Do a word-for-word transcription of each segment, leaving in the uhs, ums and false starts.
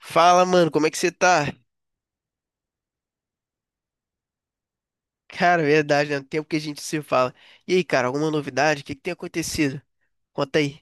Fala, mano, como é que você tá? Cara, verdade, né? Tempo que a gente se fala. E aí, cara, alguma novidade? O que que tem acontecido? Conta aí.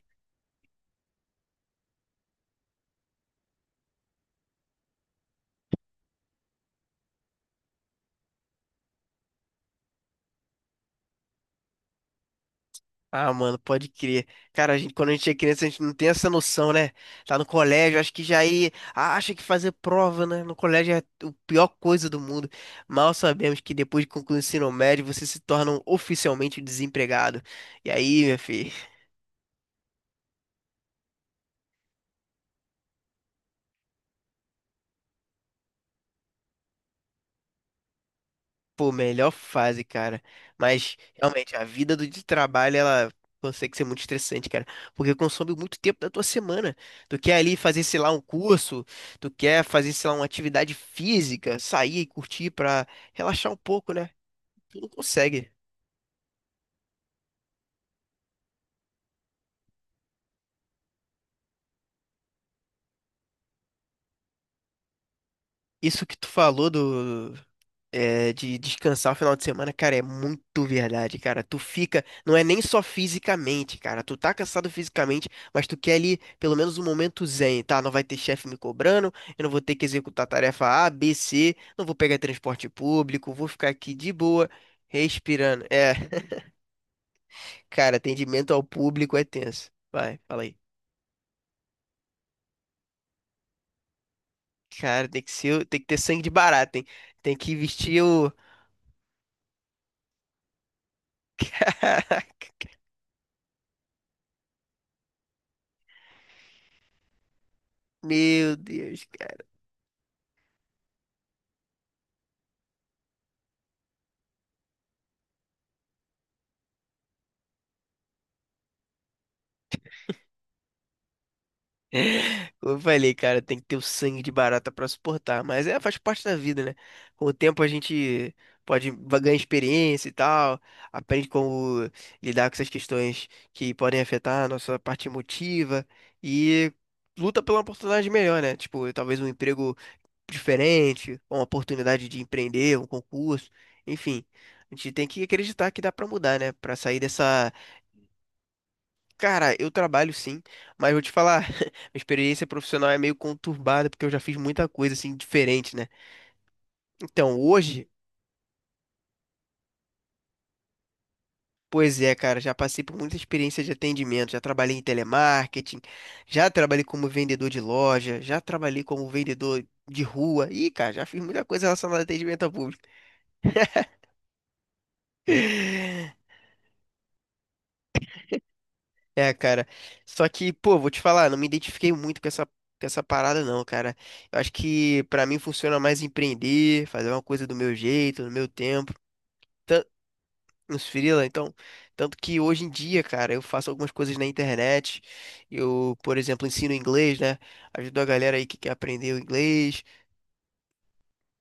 Ah, mano, pode crer. Cara, a gente, quando a gente é criança, a gente não tem essa noção, né? Tá no colégio, acho que já aí acha que fazer prova, né? No colégio é a pior coisa do mundo. Mal sabemos que depois de concluir o ensino médio você se torna um oficialmente desempregado. E aí, meu filho, pô, melhor fase, cara. Mas realmente a vida do de trabalho ela consegue ser muito estressante, cara, porque consome muito tempo da tua semana. Tu quer ali fazer, sei lá, um curso, tu quer fazer, sei lá, uma atividade física, sair e curtir pra relaxar um pouco, né? Tu não consegue. Isso que tu falou do é, de descansar o final de semana, cara, é muito verdade, cara. Tu fica, não é nem só fisicamente, cara. Tu tá cansado fisicamente, mas tu quer ali pelo menos um momento zen, tá? Não vai ter chefe me cobrando, eu não vou ter que executar tarefa A B C, não vou pegar transporte público, vou ficar aqui de boa, respirando. É, cara, atendimento ao público é tenso. Vai, fala aí. Cara, tem que ser, tem que ter sangue de barata, hein? Tem que vestir o. Caraca, meu Deus, Como eu falei, cara, tem que ter o sangue de barata pra suportar, mas é, faz parte da vida, né? Com o tempo a gente pode va- ganhar experiência e tal, aprende como lidar com essas questões que podem afetar a nossa parte emotiva e luta pela oportunidade melhor, né? Tipo, talvez um emprego diferente, ou uma oportunidade de empreender, um concurso, enfim. A gente tem que acreditar que dá pra mudar, né? Pra sair dessa. Cara, eu trabalho sim, mas vou te falar, minha experiência profissional é meio conturbada porque eu já fiz muita coisa assim diferente, né? Então, hoje, pois é, cara, já passei por muita experiência de atendimento, já trabalhei em telemarketing, já trabalhei como vendedor de loja, já trabalhei como vendedor de rua. Ih, cara, já fiz muita coisa relacionada a atendimento ao público. É, cara. Só que, pô, vou te falar, não me identifiquei muito com essa, com essa parada, não, cara. Eu acho que pra mim funciona mais empreender, fazer uma coisa do meu jeito, no meu tempo. Tan- Nos freela, então. Tanto que hoje em dia, cara, eu faço algumas coisas na internet. Eu, por exemplo, ensino inglês, né? Ajudo a galera aí que quer aprender o inglês.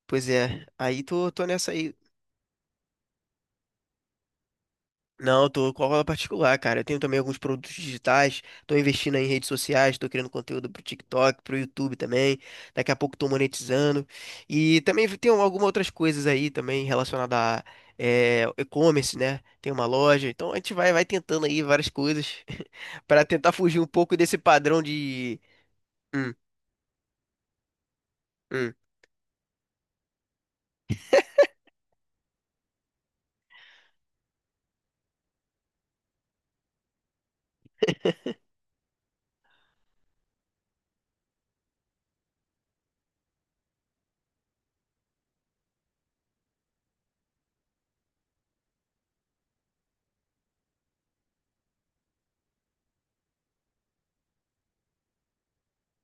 Pois é, aí tô, tô nessa aí. Não, eu tô com aula particular, cara. Eu tenho também alguns produtos digitais, tô investindo aí em redes sociais, tô criando conteúdo pro TikTok, pro YouTube também. Daqui a pouco tô monetizando. E também tem algumas outras coisas aí também relacionadas a eh, e-commerce, né? Tem uma loja. Então a gente vai, vai tentando aí várias coisas para tentar fugir um pouco desse padrão de. Hum, hum.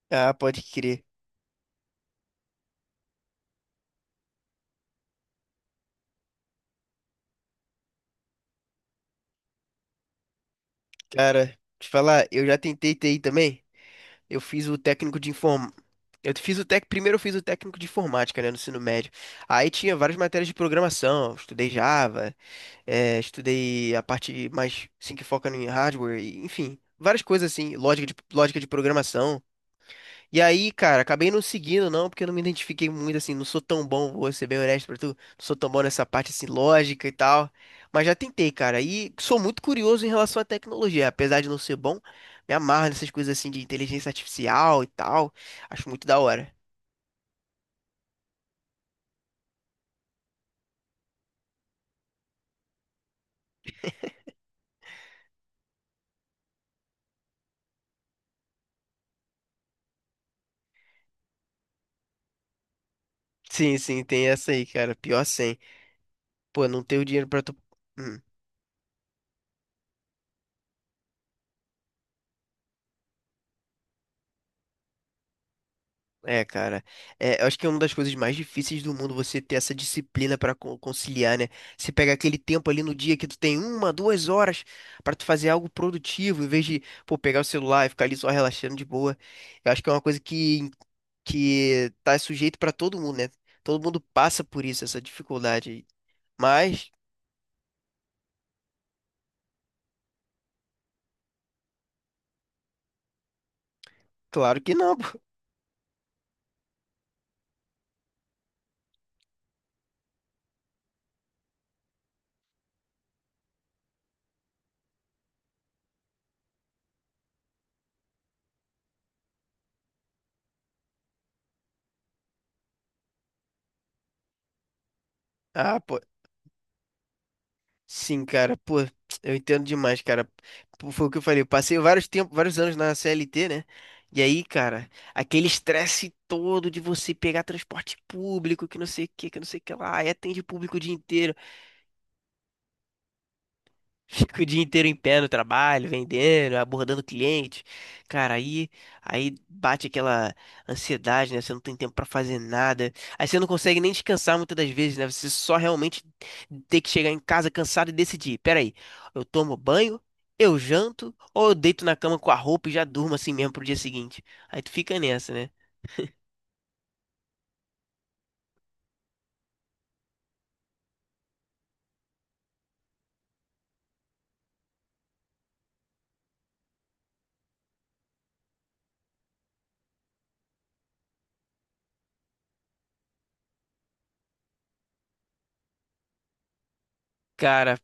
Ah, pode crer. Cara, te falar, eu já tentei T I também. Eu fiz o técnico de inform... Eu fiz o tec... Primeiro eu fiz o técnico de informática, né, no ensino médio. Aí tinha várias matérias de programação, estudei Java, eh, estudei a parte mais, assim, que foca em hardware, e, enfim, várias coisas assim, lógica de, lógica de programação. E aí, cara, acabei não seguindo, não, porque eu não me identifiquei muito, assim, não sou tão bom, vou ser bem honesto pra tu, não sou tão bom nessa parte, assim, lógica e tal, mas já tentei, cara, e sou muito curioso em relação à tecnologia, apesar de não ser bom, me amarro nessas coisas, assim, de inteligência artificial e tal, acho muito da hora. Sim, sim, tem essa aí, cara, pior sem. Pô, não ter o dinheiro pra tu... Hum. É, cara, é, eu acho que é uma das coisas mais difíceis do mundo você ter essa disciplina para conciliar, né? Você pega aquele tempo ali no dia que tu tem uma, duas horas para tu fazer algo produtivo, em vez de, pô, pegar o celular e ficar ali só relaxando de boa. Eu acho que é uma coisa que, que tá sujeito para todo mundo, né? Todo mundo passa por isso, essa dificuldade. aí. Mas, claro que não. pô. Ah, pô. Sim, cara, pô, eu entendo demais, cara. Pô, Foi o que eu falei, eu passei vários tempos, vários anos na C L T, né? E aí, cara, aquele estresse todo de você pegar transporte público, que não sei o que, que não sei o que lá, e atende público o dia inteiro. Fico o dia inteiro em pé no trabalho, vendendo, abordando cliente. Cara, aí, aí bate aquela ansiedade, né? Você não tem tempo pra fazer nada. Aí você não consegue nem descansar muitas das vezes, né? Você só realmente tem que chegar em casa cansado e decidir. Peraí, eu tomo banho, eu janto, ou eu deito na cama com a roupa e já durmo assim mesmo pro dia seguinte. Aí tu fica nessa, né? Cara,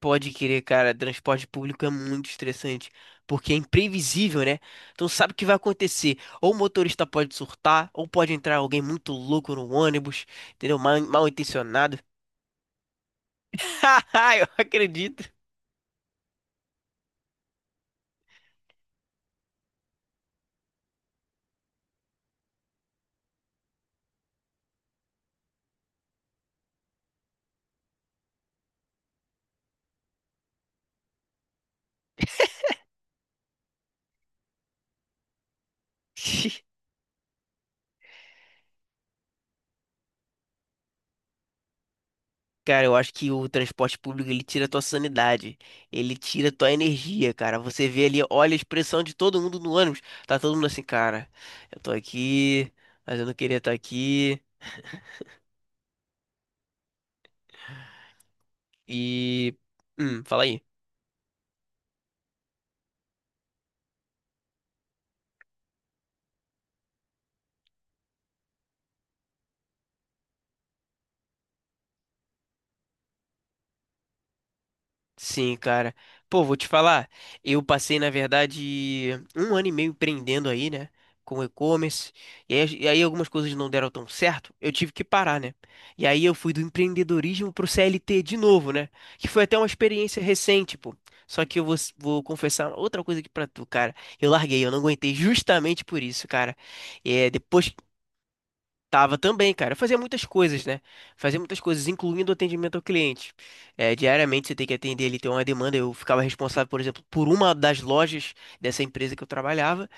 Pode querer, cara. Transporte público é muito estressante, porque é imprevisível, né? Então sabe o que vai acontecer. Ou o motorista pode surtar, ou pode entrar alguém muito louco no ônibus, entendeu? Mal, mal intencionado. Haha, eu acredito. Cara, eu acho que o transporte público ele tira a tua sanidade, ele tira a tua energia, cara. Você vê ali, olha a expressão de todo mundo no ônibus. Tá todo mundo assim, cara, eu tô aqui, mas eu não queria estar aqui. E. Hum, fala aí. Sim, cara. Pô, vou te falar. Eu passei, na verdade, um ano e meio empreendendo aí, né? Com e-commerce. E aí, e aí algumas coisas não deram tão certo. Eu tive que parar, né? E aí eu fui do empreendedorismo pro C L T de novo, né? Que foi até uma experiência recente, pô. Só que eu vou, s- vou confessar outra coisa aqui pra tu, cara. Eu larguei, eu não aguentei justamente por isso, cara. É, depois. Tava também, cara. Eu fazia muitas coisas, né? Fazia muitas coisas, incluindo o atendimento ao cliente. É, diariamente você tem que atender ele tem uma demanda. Eu ficava responsável, por exemplo, por uma das lojas dessa empresa que eu trabalhava.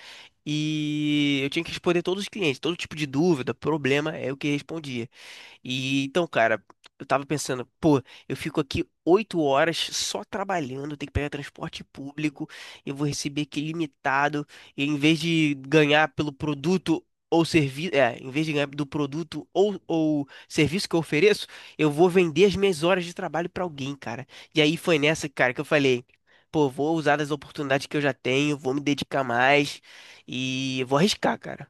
E eu tinha que responder todos os clientes, todo tipo de dúvida, problema é o que eu respondia. E então, cara, eu tava pensando, pô, eu fico aqui oito horas só trabalhando, tenho que pegar transporte público, eu vou receber aqui limitado, e em vez de ganhar pelo produto ou serviço, é, em vez de ganhar do produto ou, ou serviço que eu ofereço, eu vou vender as minhas horas de trabalho pra alguém, cara. E aí foi nessa, cara, que eu falei. Pô, vou usar das oportunidades que eu já tenho, vou me dedicar mais. E eu vou arriscar, cara.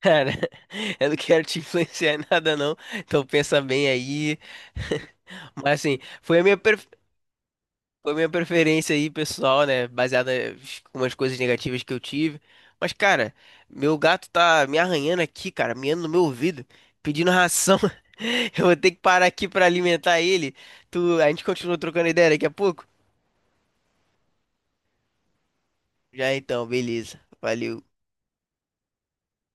Cara, eu não quero te influenciar em nada, não. Então pensa bem aí. Mas assim, foi a minha, pref- foi a minha preferência aí, pessoal, né? Baseada em umas coisas negativas que eu tive. Mas, cara, meu gato tá me arranhando aqui, cara, miando no meu ouvido, pedindo ração. Eu vou ter que parar aqui pra alimentar ele. Tu... A gente continua trocando ideia daqui a pouco? Já então, beleza. Valeu.